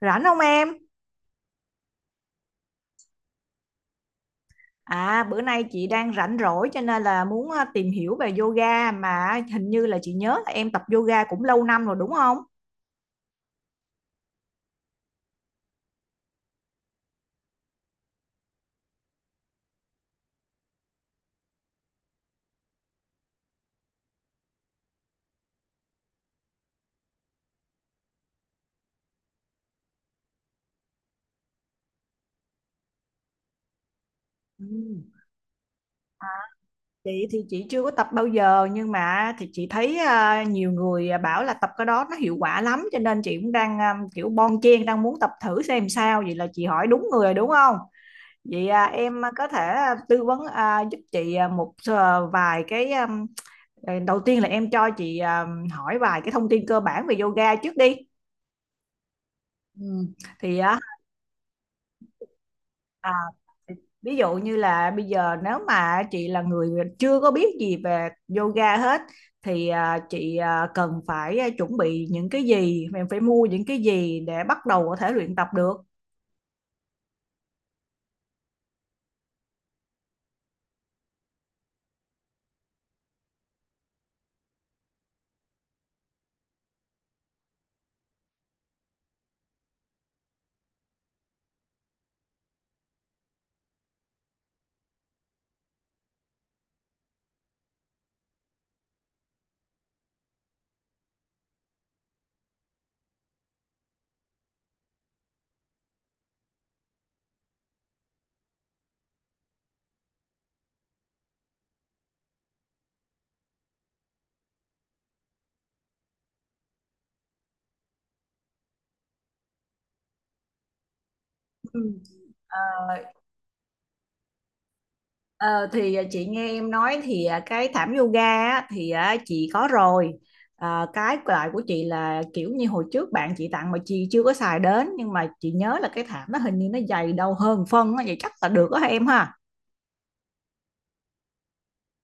Rảnh không em? À bữa nay chị đang rảnh rỗi cho nên là muốn tìm hiểu về yoga, mà hình như là chị nhớ là em tập yoga cũng lâu năm rồi đúng không? Ừ. Chị thì chị chưa có tập bao giờ, nhưng mà thì chị thấy nhiều người bảo là tập cái đó nó hiệu quả lắm, cho nên chị cũng đang kiểu bon chen đang muốn tập thử xem sao, vậy là chị hỏi đúng người rồi đúng không? Vậy em có thể tư vấn giúp chị một vài cái đầu tiên là em cho chị hỏi vài cái thông tin cơ bản về yoga trước đi. Ừ. Thì á à, ví dụ như là bây giờ nếu mà chị là người chưa có biết gì về yoga hết thì chị cần phải chuẩn bị những cái gì, mình phải mua những cái gì để bắt đầu có thể luyện tập được. Ừ. Ờ, thì chị nghe em nói thì cái thảm yoga á, thì chị có rồi, cái loại của chị là kiểu như hồi trước bạn chị tặng mà chị chưa có xài đến, nhưng mà chị nhớ là cái thảm nó hình như nó dày đâu hơn phân á, vậy chắc là được đó em ha.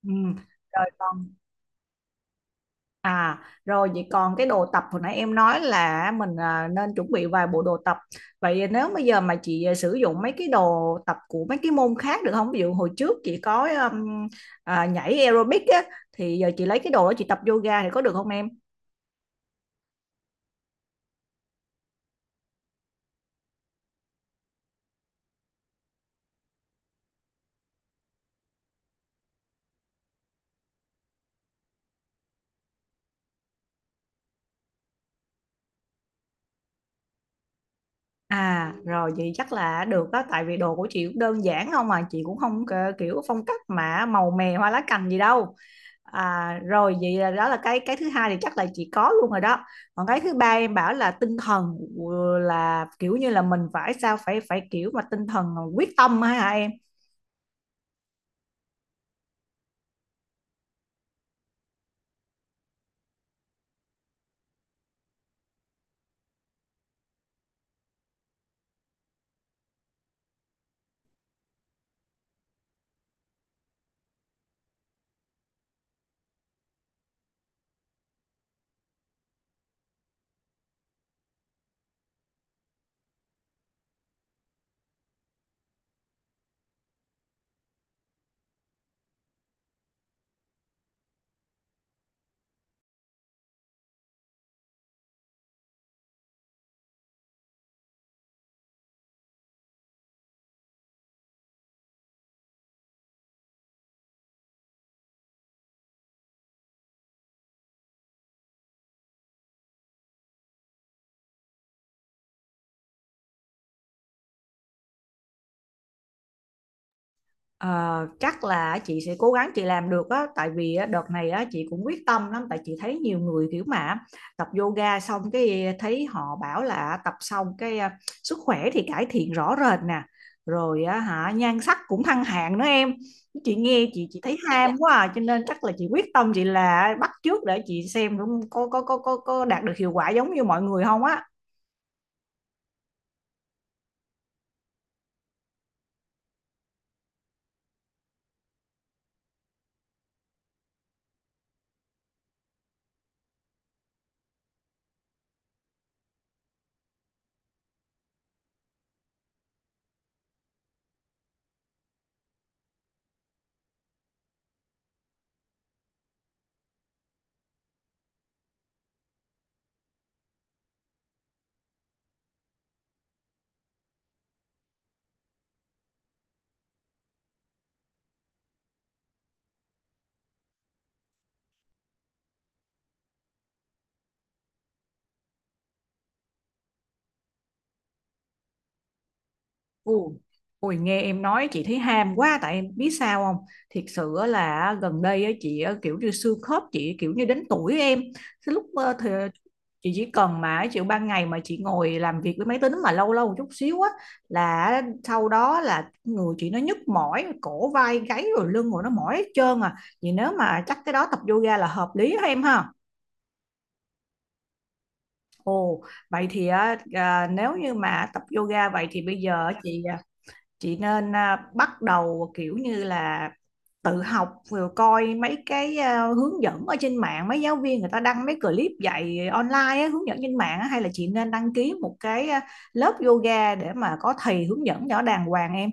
Ừ. Rồi. À, rồi vậy còn cái đồ tập hồi nãy em nói là mình nên chuẩn bị vài bộ đồ tập. Vậy nếu bây giờ mà chị sử dụng mấy cái đồ tập của mấy cái môn khác được không? Ví dụ hồi trước chị có nhảy aerobic á, thì giờ chị lấy cái đồ đó chị tập yoga thì có được không em? À, rồi vậy chắc là được đó, tại vì đồ của chị cũng đơn giản không, mà chị cũng không kiểu phong cách mà màu mè hoa lá cành gì đâu. À, rồi vậy là đó là cái thứ hai thì chắc là chị có luôn rồi đó. Còn cái thứ ba em bảo là tinh thần, là kiểu như là mình phải sao phải phải kiểu mà tinh thần quyết tâm á hả em? Ờ, chắc là chị sẽ cố gắng chị làm được á, tại vì á, đợt này á, chị cũng quyết tâm lắm, tại chị thấy nhiều người kiểu mà tập yoga xong cái thấy họ bảo là tập xong cái sức khỏe thì cải thiện rõ rệt nè, rồi á, hả nhan sắc cũng thăng hạng nữa em. Chị nghe, chị thấy ham quá cho nên chắc là chị quyết tâm, chị là bắt chước để chị xem cũng có đạt được hiệu quả giống như mọi người không á. Ừ. Ôi nghe em nói chị thấy ham quá, tại em biết sao không, thiệt sự á là gần đây á, chị á, kiểu như xương khớp chị kiểu như đến tuổi em, cái lúc thì chị chỉ cần mà chịu ban ngày mà chị ngồi làm việc với máy tính mà lâu lâu một chút xíu á là sau đó là người chị nó nhức mỏi cổ vai gáy, rồi lưng, rồi nó mỏi hết trơn à. Vậy nếu mà chắc cái đó tập yoga là hợp lý ha em ha. Ồ, vậy thì á, nếu như mà tập yoga vậy thì bây giờ chị nên bắt đầu kiểu như là tự học rồi coi mấy cái hướng dẫn ở trên mạng, mấy giáo viên người ta đăng mấy clip dạy online á, hướng dẫn trên mạng á, hay là chị nên đăng ký một cái lớp yoga để mà có thầy hướng dẫn cho đàng hoàng em?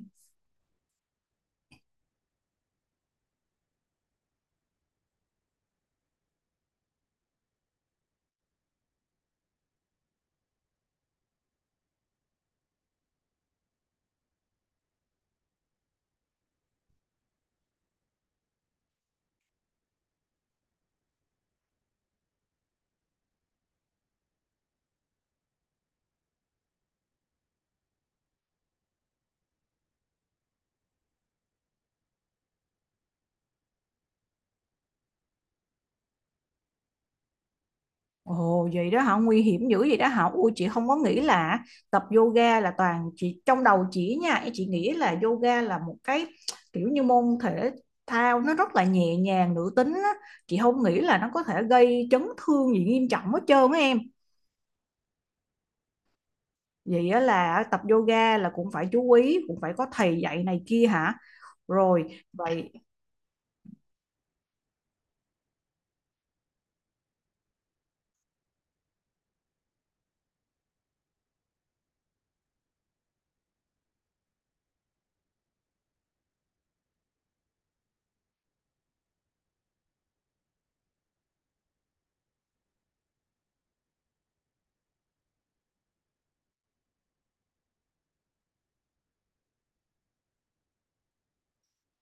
Ồ vậy đó hả? Nguy hiểm dữ vậy đó hả? Ui, chị không có nghĩ là tập yoga, là toàn chị trong đầu chị nha, chị nghĩ là yoga là một cái kiểu như môn thể thao nó rất là nhẹ nhàng nữ tính á. Chị không nghĩ là nó có thể gây chấn thương gì nghiêm trọng hết trơn á em. Vậy á là tập yoga là cũng phải chú ý, cũng phải có thầy dạy này kia hả? Rồi vậy.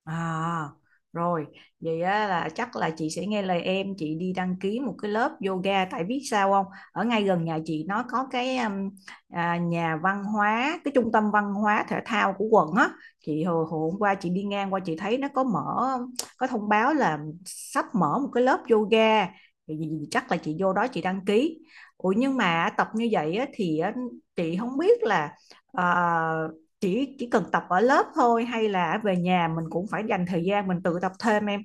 À, rồi, vậy á, là chắc là chị sẽ nghe lời em, chị đi đăng ký một cái lớp yoga, tại biết sao không? Ở ngay gần nhà chị nó có cái nhà văn hóa, cái trung tâm văn hóa thể thao của quận á. Chị hồi hôm qua chị đi ngang qua chị thấy nó có mở, có thông báo là sắp mở một cái lớp yoga. Thì chắc là chị vô đó chị đăng ký. Ủa nhưng mà tập như vậy á, thì á, chị không biết là ờ, chỉ cần tập ở lớp thôi, hay là về nhà mình cũng phải dành thời gian mình tự tập thêm em?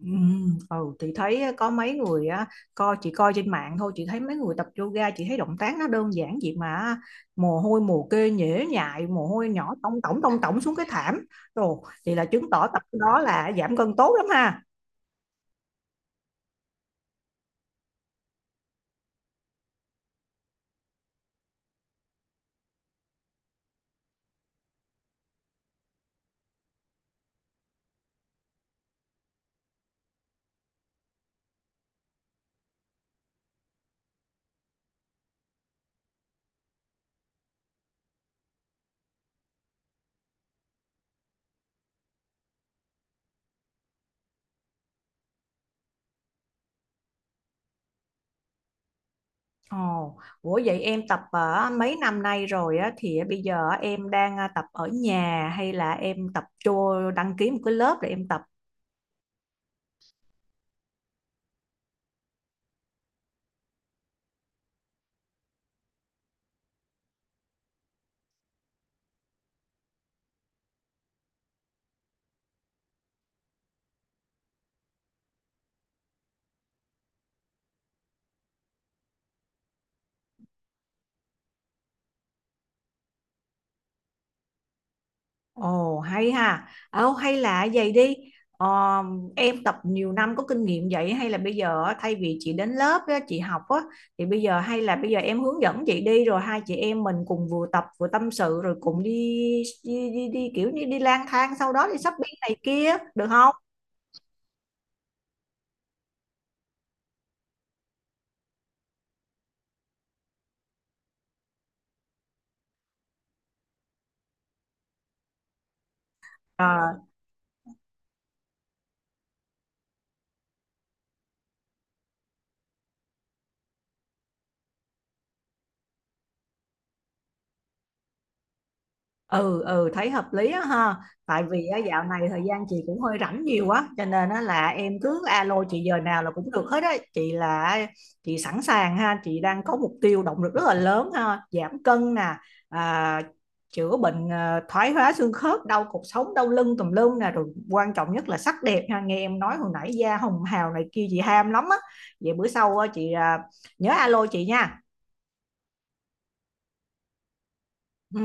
Ừ, ừ thì thấy có mấy người á, coi chị coi trên mạng thôi, chị thấy mấy người tập yoga, chị thấy động tác nó đơn giản vậy mà mồ hôi mồ kê nhễ nhại, mồ hôi nhỏ tông tổng xuống cái thảm. Rồi thì là chứng tỏ tập cái đó là giảm cân tốt lắm ha. Ồ, ủa vậy em tập ở mấy năm nay rồi á, thì bây giờ em đang tập ở nhà hay là em tập cho đăng ký một cái lớp để em tập? Ồ hay ha. Ồ hay là vậy đi. Ờ, em tập nhiều năm có kinh nghiệm vậy, hay là bây giờ á, thay vì chị đến lớp á, chị học á, thì bây giờ hay là bây giờ em hướng dẫn chị đi, rồi hai chị em mình cùng vừa tập vừa tâm sự, rồi cùng đi đi đi, đi kiểu như đi lang thang sau đó đi shopping này kia được không? Ừ, ừ, thấy hợp lý á ha. Tại vì á, dạo này thời gian chị cũng hơi rảnh nhiều quá, cho nên á, là em cứ alo chị giờ nào là cũng được hết á. Chị là chị sẵn sàng ha, chị đang có mục tiêu động lực rất là lớn ha, giảm cân nè, à, chữa bệnh thoái hóa xương khớp, đau cột sống, đau lưng tùm lum nè, rồi quan trọng nhất là sắc đẹp ha. Nghe em nói hồi nãy da hồng hào này kia chị ham lắm á. Vậy bữa sau á, chị nhớ alo chị nha. Ừ.